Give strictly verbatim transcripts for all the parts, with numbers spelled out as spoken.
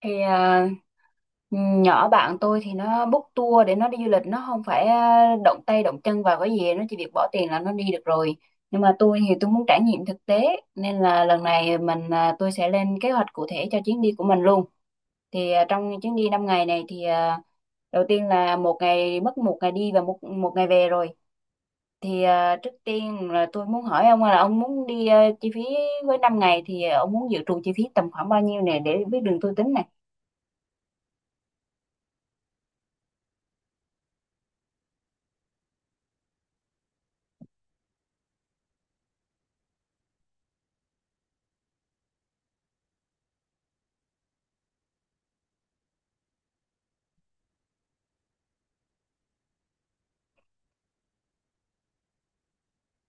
thì à, Nhỏ bạn tôi thì nó book tour để nó đi du lịch, nó không phải à, động tay động chân vào cái gì, nó chỉ việc bỏ tiền là nó đi được rồi. Nhưng mà tôi thì tôi muốn trải nghiệm thực tế, nên là lần này mình à, tôi sẽ lên kế hoạch cụ thể cho chuyến đi của mình luôn. Thì à, trong chuyến đi năm ngày này thì à, đầu tiên là một ngày, mất một ngày đi và một một ngày về rồi. Thì à, trước tiên là tôi muốn hỏi ông là ông muốn đi à, chi phí với năm ngày thì ông muốn dự trù chi phí tầm khoảng bao nhiêu này để biết đường tôi tính.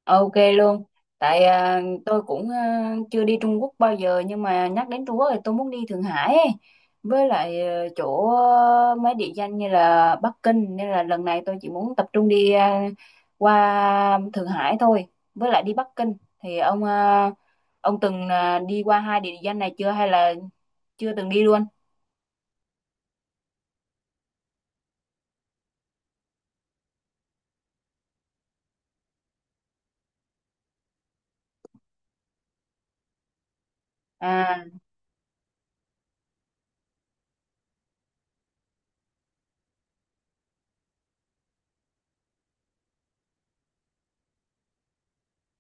Ok luôn. Tại à, tôi cũng à, chưa đi Trung Quốc bao giờ, nhưng mà nhắc đến Trung Quốc thì tôi muốn đi Thượng Hải ấy. Với lại à, chỗ à, mấy địa danh như là Bắc Kinh, nên là lần này tôi chỉ muốn tập trung đi à, qua Thượng Hải thôi. Với lại đi Bắc Kinh thì ông à, ông từng à, đi qua hai địa danh này chưa, hay là chưa từng đi luôn? À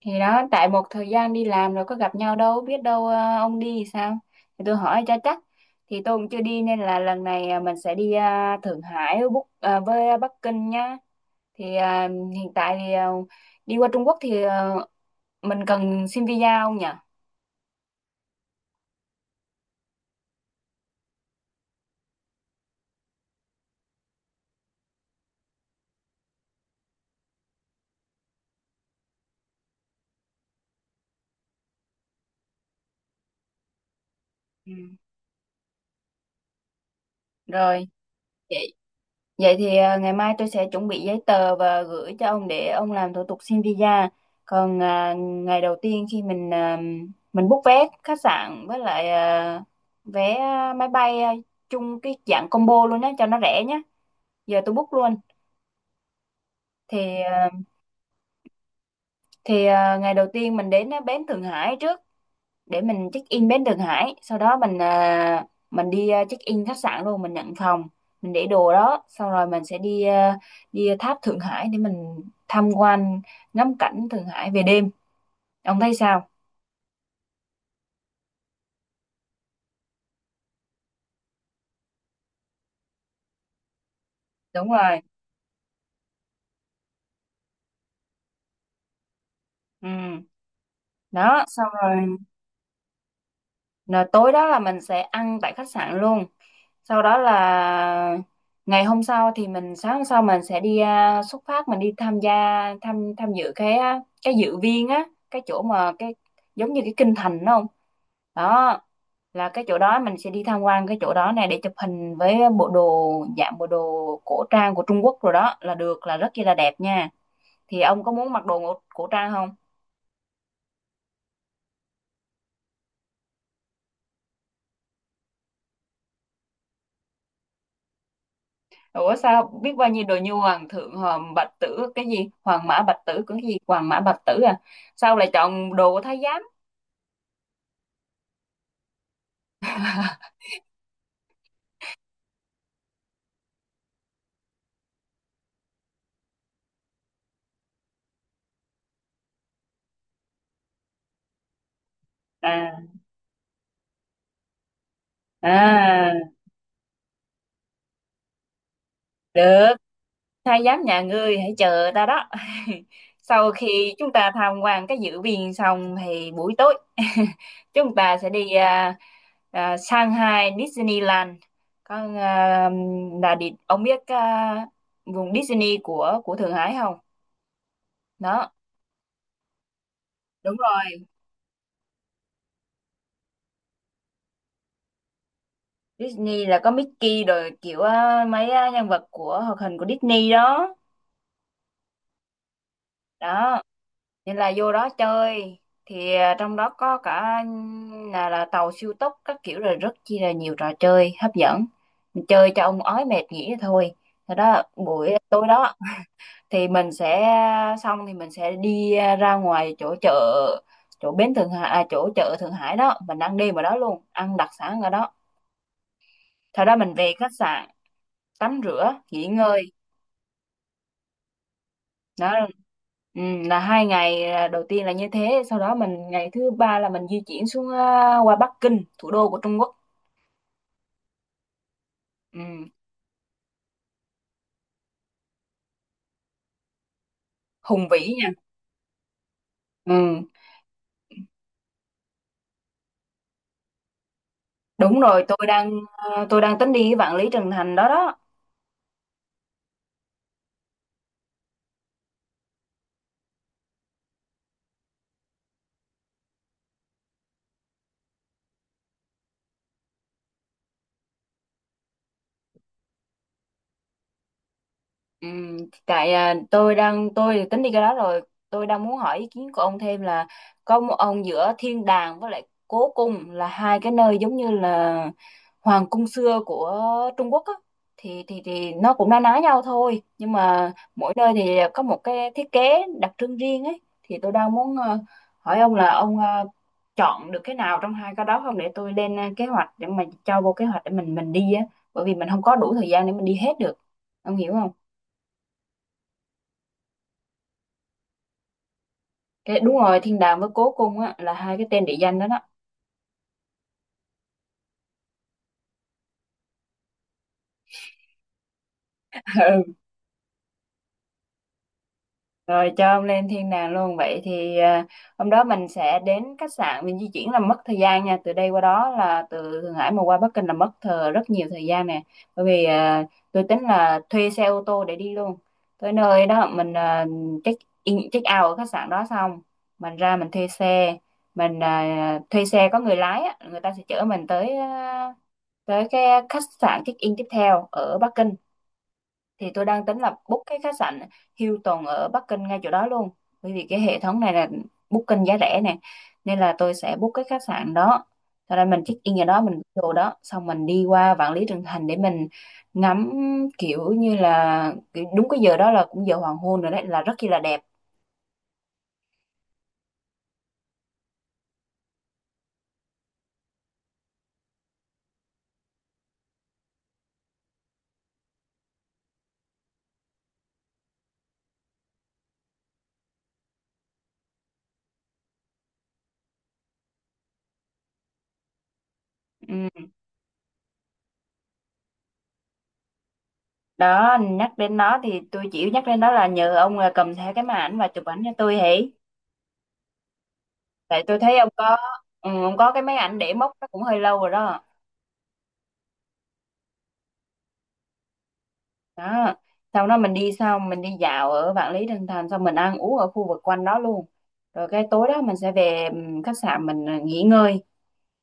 thì đó, tại một thời gian đi làm rồi có gặp nhau đâu, biết đâu ờ, ông đi thì sao, thì tôi hỏi cho chắc. Thì tôi cũng chưa đi, nên là lần này ờ, mình sẽ đi ờ, Thượng Hải với, Búc- ờ, với Bắc Kinh nhá. Thì ờ, hiện tại thì ờ, đi qua Trung Quốc thì ờ, mình cần xin visa không nhỉ? Ừ. Rồi. Vậy thì à, ngày mai tôi sẽ chuẩn bị giấy tờ và gửi cho ông để ông làm thủ tục xin visa. Còn à, ngày đầu tiên khi mình à, mình book vé khách sạn với lại à, vé máy bay à, chung cái dạng combo luôn nhé cho nó rẻ nhé. Giờ tôi book luôn. Thì à, thì à, Ngày đầu tiên mình đến à, bến Thượng Hải trước. Để mình check in bến Thượng Hải, sau đó mình à, mình đi à, check in khách sạn luôn, mình nhận phòng, mình để đồ đó xong rồi mình sẽ đi à, đi tháp Thượng Hải để mình tham quan, ngắm cảnh Thượng Hải về đêm. Ông thấy sao? Đúng rồi. Ừ. Đó, xong rồi. Rồi tối đó là mình sẽ ăn tại khách sạn luôn. Sau đó là ngày hôm sau thì mình, sáng hôm sau mình sẽ đi à, xuất phát mình đi tham gia, tham tham dự cái à, cái dự viên á, cái chỗ mà cái giống như cái kinh thành đúng không? Đó là cái chỗ đó, mình sẽ đi tham quan cái chỗ đó này để chụp hình với bộ đồ, dạng bộ đồ cổ trang của Trung Quốc, rồi đó là được, là rất chi là đẹp nha. Thì ông có muốn mặc đồ cổ cổ trang không? Ủa sao biết bao nhiêu đồ như hoàng thượng, hoàng bạch tử, cái gì hoàng mã bạch tử, cái gì hoàng mã bạch tử à, sao lại chọn đồ của thái giám? à à được. Thái giám nhà ngươi hãy chờ ta đó. Sau khi chúng ta tham quan cái dự viên xong thì buổi tối chúng ta sẽ đi à, à, Shanghai Disneyland. con à, là đi, ông biết à, vùng Disney của của Thượng Hải không? Đó. Đúng rồi. Disney là có Mickey rồi kiểu á, mấy á, nhân vật của hoạt hình của Disney đó. Đó nên là vô đó chơi. Thì à, trong đó có cả là, là tàu siêu tốc các kiểu, rồi rất chi là nhiều trò chơi hấp dẫn. Mình chơi cho ông ói mệt nghỉ thôi. Thế đó buổi tối đó thì mình sẽ ờ, xong thì mình sẽ đi à, ra ngoài chỗ chợ, chỗ bến Thượng Hải à, chỗ chợ Thượng Hải đó mình ăn đêm ở đó luôn, ăn đặc sản ở đó, sau đó mình về khách sạn tắm rửa nghỉ ngơi. Đó. Ừ, là hai ngày à, đầu tiên là như thế. Sau đó mình, ngày thứ ba là mình di chuyển xuống à, qua Bắc Kinh, thủ đô của Trung Quốc. Ừ, hùng vĩ nha. Ừ, đúng rồi, tôi đang à, tôi đang tính đi cái Vạn Lý Trường Thành đó đó. Ừ, tại à, tôi đang tôi tính đi cái đó rồi. Tôi đang muốn hỏi ý kiến của ông thêm là có một ông giữa thiên đàng với lại cố cung là hai cái nơi giống như là hoàng cung xưa của Trung Quốc á, thì thì thì nó cũng na ná nhau thôi, nhưng mà mỗi nơi thì có một cái thiết kế đặc trưng riêng ấy. Thì tôi đang muốn ờ, hỏi ông là ông ờ, chọn được cái nào trong hai cái đó không, để tôi lên ờ, kế hoạch, để mà cho vô kế hoạch để mình mình đi á, bởi vì mình không có đủ thời gian để mình đi hết được. Ông hiểu không? Cái đúng rồi, thiên đàng với cố cung á, là hai cái tên địa danh đó đó. Ừ. Rồi cho ông lên thiên đàng luôn. Vậy thì à, hôm đó mình sẽ đến khách sạn, mình di chuyển là mất thời gian nha, từ đây qua đó là từ Thượng Hải mà qua Bắc Kinh là mất thờ rất nhiều thời gian nè. Bởi vì à, tôi tính là thuê xe ô tô để đi luôn. Tới nơi đó mình à, check in check out ở khách sạn đó xong, mình ra mình thuê xe, mình à, thuê xe có người lái á, người ta sẽ chở mình tới à, tới cái khách sạn check in tiếp theo ở Bắc Kinh. Thì tôi đang tính là book cái khách sạn Hilton ở Bắc Kinh ngay chỗ đó luôn, bởi vì cái hệ thống này là booking giá rẻ nè, nên là tôi sẽ book cái khách sạn đó. Sau đó mình check in ở đó, mình book đồ đó xong, mình đi qua Vạn Lý Trường Thành để mình ngắm, kiểu như là kiểu đúng cái giờ đó là cũng giờ hoàng hôn rồi, đấy là rất chi là đẹp. Ừ. Đó, nhắc đến nó thì tôi chỉ nhắc đến đó là nhờ ông là cầm theo cái máy ảnh và chụp ảnh cho tôi hỉ. Tại tôi thấy ông có, ừ, ông có cái máy ảnh để mốc nó cũng hơi lâu rồi đó. Đó, sau đó mình đi, sau mình đi dạo ở Vạn Lý Trường Thành xong, mình ăn uống ở khu vực quanh đó luôn. Rồi cái tối đó mình sẽ về ừm, khách sạn, mình à, nghỉ ngơi,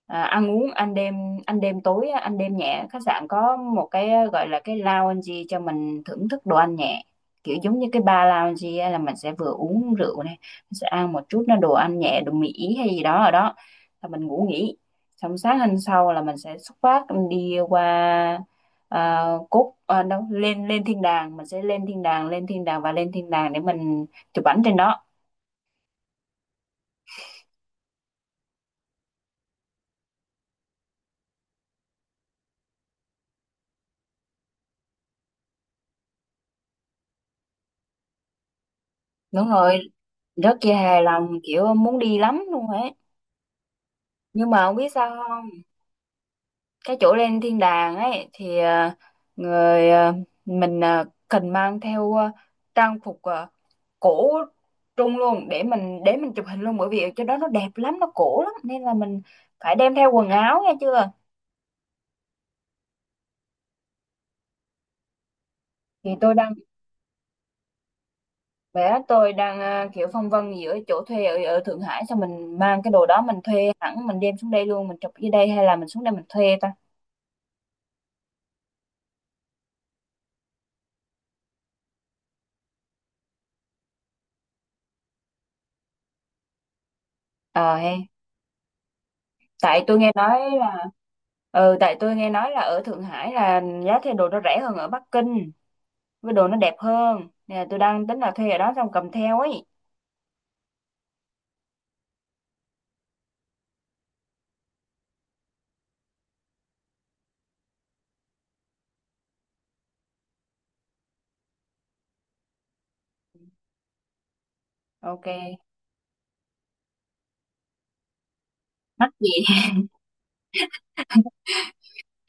à, ăn uống, ăn đêm, ăn đêm tối á, ăn đêm nhẹ. Khách sạn có một cái à, gọi là cái lounge cho mình thưởng thức đồ ăn nhẹ, kiểu giống như cái bar lounge á, là mình sẽ vừa uống rượu này, mình sẽ ăn một chút nó đồ ăn nhẹ đồ Mỹ hay gì đó ở đó, là mình ngủ nghỉ. Xong sáng hôm sau là mình sẽ xuất phát đi qua à, cốt à, đâu, lên lên thiên đàng, mình sẽ lên thiên đàng, lên thiên đàng và lên thiên đàng để mình chụp ảnh trên đó. Đúng rồi, rất là hài lòng, kiểu muốn đi lắm luôn ấy, nhưng mà không biết sao không. Cái chỗ lên thiên đàng ấy thì à, người à, mình à, cần mang theo à, trang phục à, cổ trung luôn để mình để mình chụp hình luôn, bởi vì chỗ đó nó đẹp lắm, nó cổ lắm, nên là mình phải đem theo quần áo nghe chưa. Thì tôi đang, Bé tôi đang à, kiểu phân vân giữa chỗ thuê ở, ở Thượng Hải, xong mình mang cái đồ đó, mình thuê hẳn mình đem xuống đây luôn, mình chụp dưới đây, hay là mình xuống đây mình thuê ta. Ờ hay, tại tôi nghe nói là, ừ tại tôi nghe nói là ở Thượng Hải là giá thuê đồ nó rẻ hơn ở Bắc Kinh, với đồ nó đẹp hơn, nên là tôi đang tính là thuê ở đó xong cầm theo ấy. Ok mắc gì.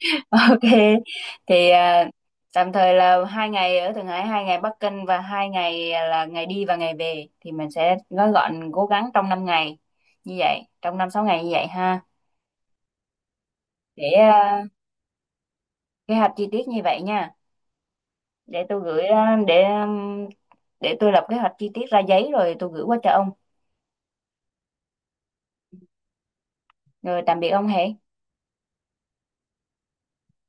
Ok, thì à, tạm thời là hai ngày ở Thượng Hải, hai ngày Bắc Kinh, và hai ngày à, là ngày đi và ngày về, thì mình sẽ gói gọn cố gắng trong năm ngày như vậy, trong năm sáu ngày như vậy ha. Để à, Kế hoạch chi tiết như vậy nha. Để tôi gửi à, để ừm, để tôi lập kế hoạch chi tiết ra giấy rồi tôi gửi qua cho ông. Rồi tạm biệt ông Hệ.